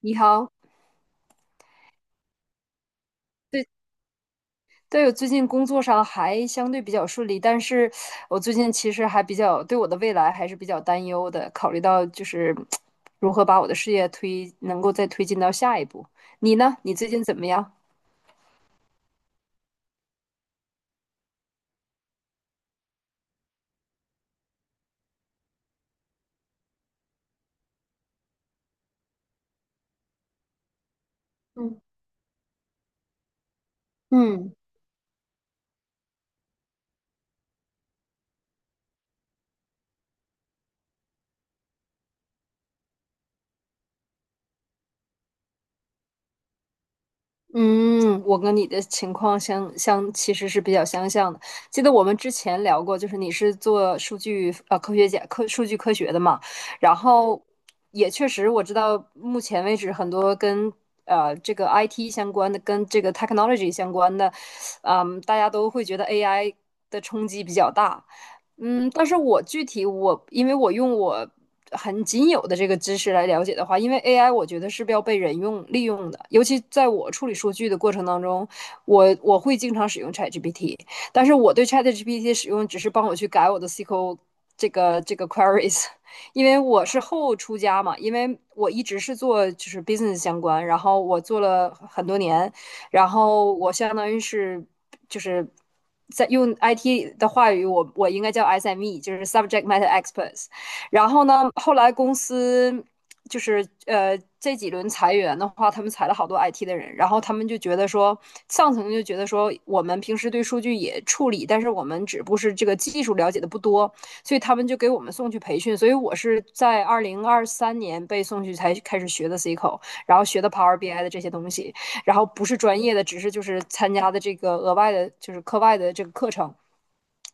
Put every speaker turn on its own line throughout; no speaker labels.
你好。对对，我最近工作上还相对比较顺利，但是我最近其实还比较对我的未来还是比较担忧的，考虑到就是 如何把我的事业能够再推进到下一步。你呢？你最近怎么样？嗯嗯，嗯，我跟你的情况相其实是比较相像的。记得我们之前聊过，就是你是做数据呃科学家科数据科学的嘛，然后也确实我知道，目前为止很多跟这个 IT 相关的，跟这个 technology 相关的，大家都会觉得 AI 的冲击比较大。但是我具体我，因为我很仅有的这个知识来了解的话，因为 AI 我觉得是要被人用利用的，尤其在我处理数据的过程当中，我会经常使用 ChatGPT,但是我对 ChatGPT 的使用只是帮我去改我的 SQL 这个 queries,因为我是后出家嘛，因为我一直是做就是 business 相关，然后我做了很多年，然后我相当于是就是在用 IT 的话语，我应该叫 SME,就是 Subject Matter Experts。然后呢，后来公司就是这几轮裁员的话，他们裁了好多 IT 的人，然后他们就觉得说，上层就觉得说，我们平时对数据也处理，但是我们只不过是这个技术了解的不多，所以他们就给我们送去培训。所以我是在2023年被送去才开始学的 SQL,然后学的 Power BI 的这些东西。然后不是专业的，只是就是参加的这个额外的，就是课外的这个课程。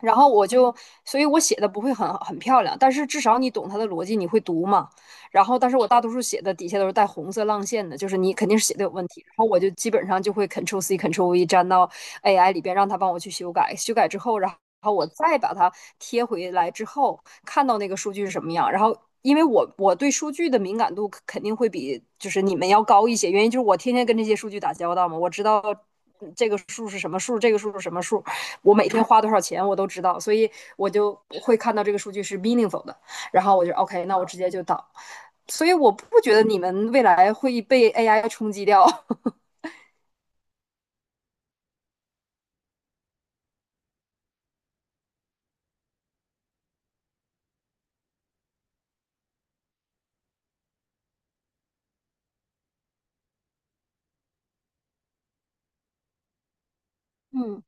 然后我就，所以我写的不会很漂亮，但是至少你懂它的逻辑，你会读嘛。然后，但是我大多数写的底下都是带红色浪线的，就是你肯定是写的有问题。然后我就基本上就会 Ctrl C Ctrl V 粘到 AI 里边，让它帮我去修改。修改之后，然后我再把它贴回来之后，看到那个数据是什么样，然后因为我对数据的敏感度肯定会比就是你们要高一些，原因就是我天天跟这些数据打交道嘛，我知道这个数是什么数，这个数是什么数，我每天花多少钱我都知道，所以我就会看到这个数据是 meaningful 的，然后我就 OK,那我直接就导，所以我不觉得你们未来会被 AI 冲击掉。嗯，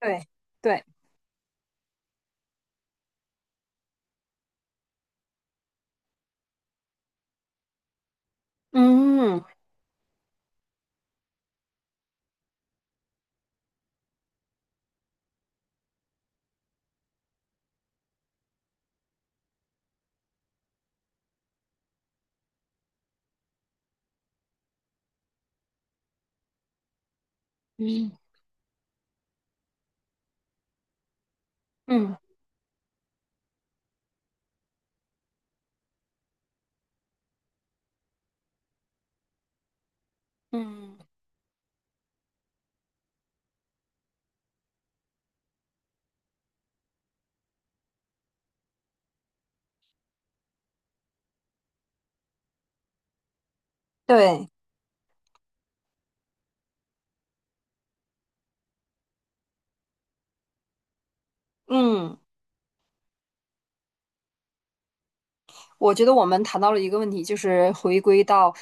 对对，嗯嗯嗯嗯，对。嗯，我觉得我们谈到了一个问题，就是回归到，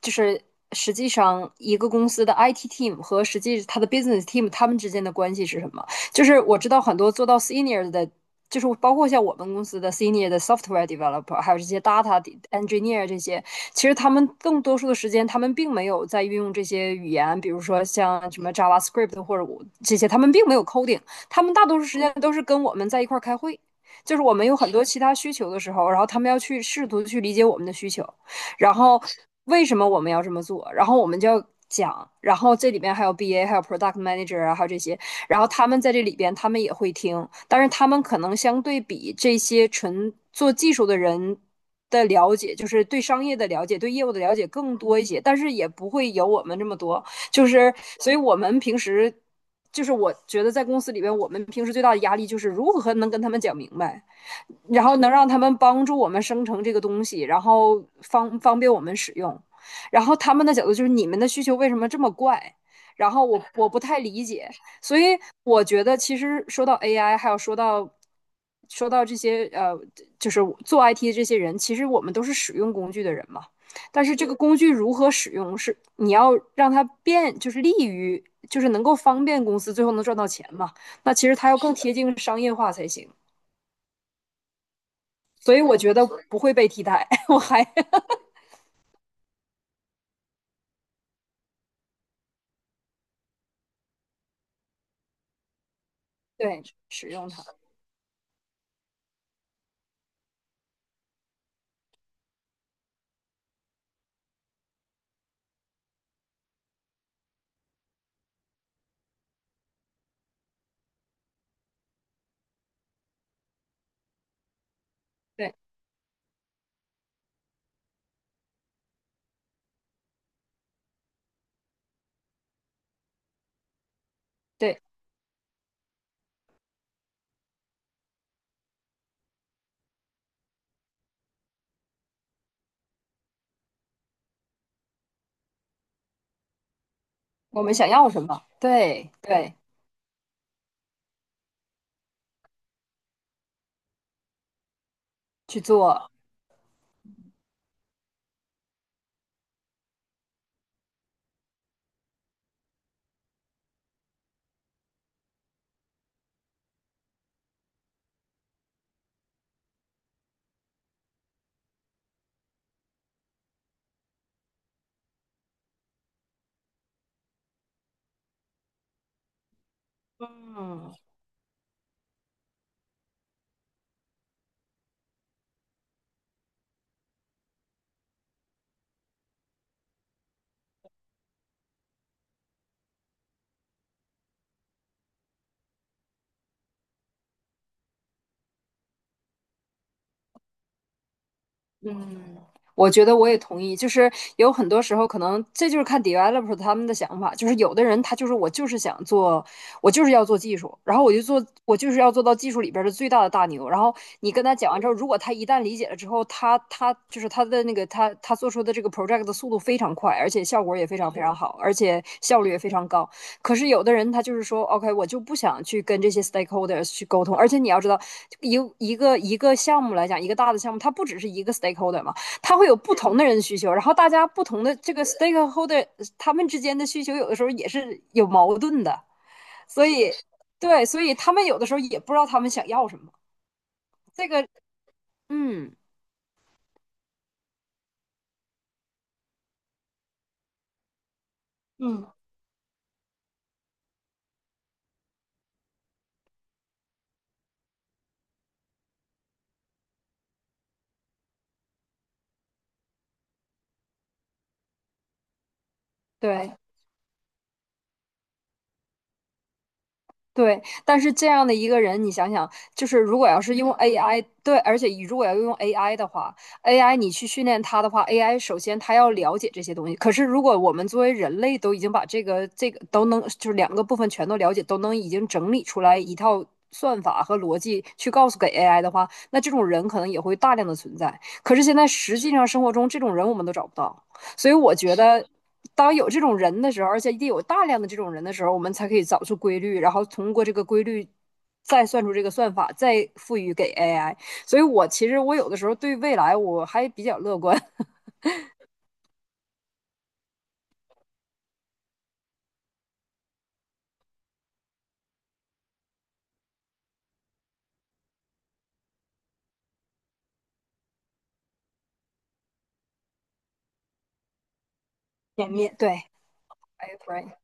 就是实际上一个公司的 IT team 和实际它的 business team 他们之间的关系是什么？就是我知道很多做到 senior 的，就是包括像我们公司的 senior 的 software developer,还有这些 data engineer 这些，其实他们更多数的时间，他们并没有在运用这些语言，比如说像什么 JavaScript 或者我这些，他们并没有 coding,他们大多数时间都是跟我们在一块儿开会。就是我们有很多其他需求的时候，然后他们要去试图去理解我们的需求，然后为什么我们要这么做，然后我们就要讲，然后这里边还有 BA,还有 Product Manager 啊，还有这些，然后他们在这里边他们也会听，但是他们可能相对比这些纯做技术的人，的了解，就是对商业的了解，对业务的了解更多一些，但是也不会有我们这么多。就是，所以我们平时就是我觉得在公司里边，我们平时最大的压力就是如何能跟他们讲明白。然后能让他们帮助我们生成这个东西，然后方便我们使用。然后他们的角度就是你们的需求为什么这么怪？然后我不太理解，所以我觉得其实说到 AI,还有说到这些就是做 IT 的这些人，其实我们都是使用工具的人嘛。但是这个工具如何使用，是你要让它变，就是利于，就是能够方便公司最后能赚到钱嘛。那其实它要更贴近商业化才行。所以我觉得不会被替代。我还对使用它，对对，我们想要什么，对对，去做，嗯。嗯，我觉得我也同意，就是有很多时候可能这就是看 developer 他们的想法，就是有的人他就是我就是想做，我就是要做技术，然后我就做，我就是要做到技术里边的最大的大牛。然后你跟他讲完之后，如果他一旦理解了之后，他就是他的那个他做出的这个 project 的速度非常快，而且效果也非常非常好，而且效率也非常高。可是有的人他就是说，OK,我就不想去跟这些 stakeholders 去沟通，而且你要知道，一个项目来讲，一个大的项目，它不只是一个 stakeholder 嘛，它会有不同的人需求，然后大家不同的这个 stakeholder 他们之间的需求有的时候也是有矛盾的，所以对，所以他们有的时候也不知道他们想要什么。这个，嗯嗯，对，对，但是这样的一个人，你想想，就是如果要是用 AI,对，而且如果要用 AI 的话，AI 你去训练它的话，AI 首先它要了解这些东西。可是如果我们作为人类都已经把这个都能，就是两个部分全都了解，都能已经整理出来一套算法和逻辑去告诉给 AI 的话，那这种人可能也会大量的存在。可是现在实际上生活中这种人我们都找不到。所以我觉得，当有这种人的时候，而且一定有大量的这种人的时候，我们才可以找出规律，然后通过这个规律再算出这个算法，再赋予给 AI。所以我其实我有的时候对未来我还比较乐观，前面对。I agree,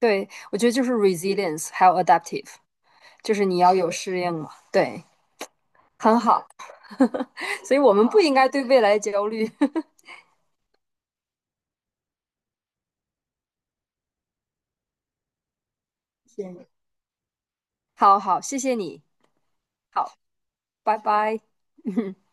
对我觉得就是 resilience 还有 adaptive,就是你要有适应嘛，对，很好。所以我们不应该对未来焦虑。好好，谢谢你，好，拜拜。嗯。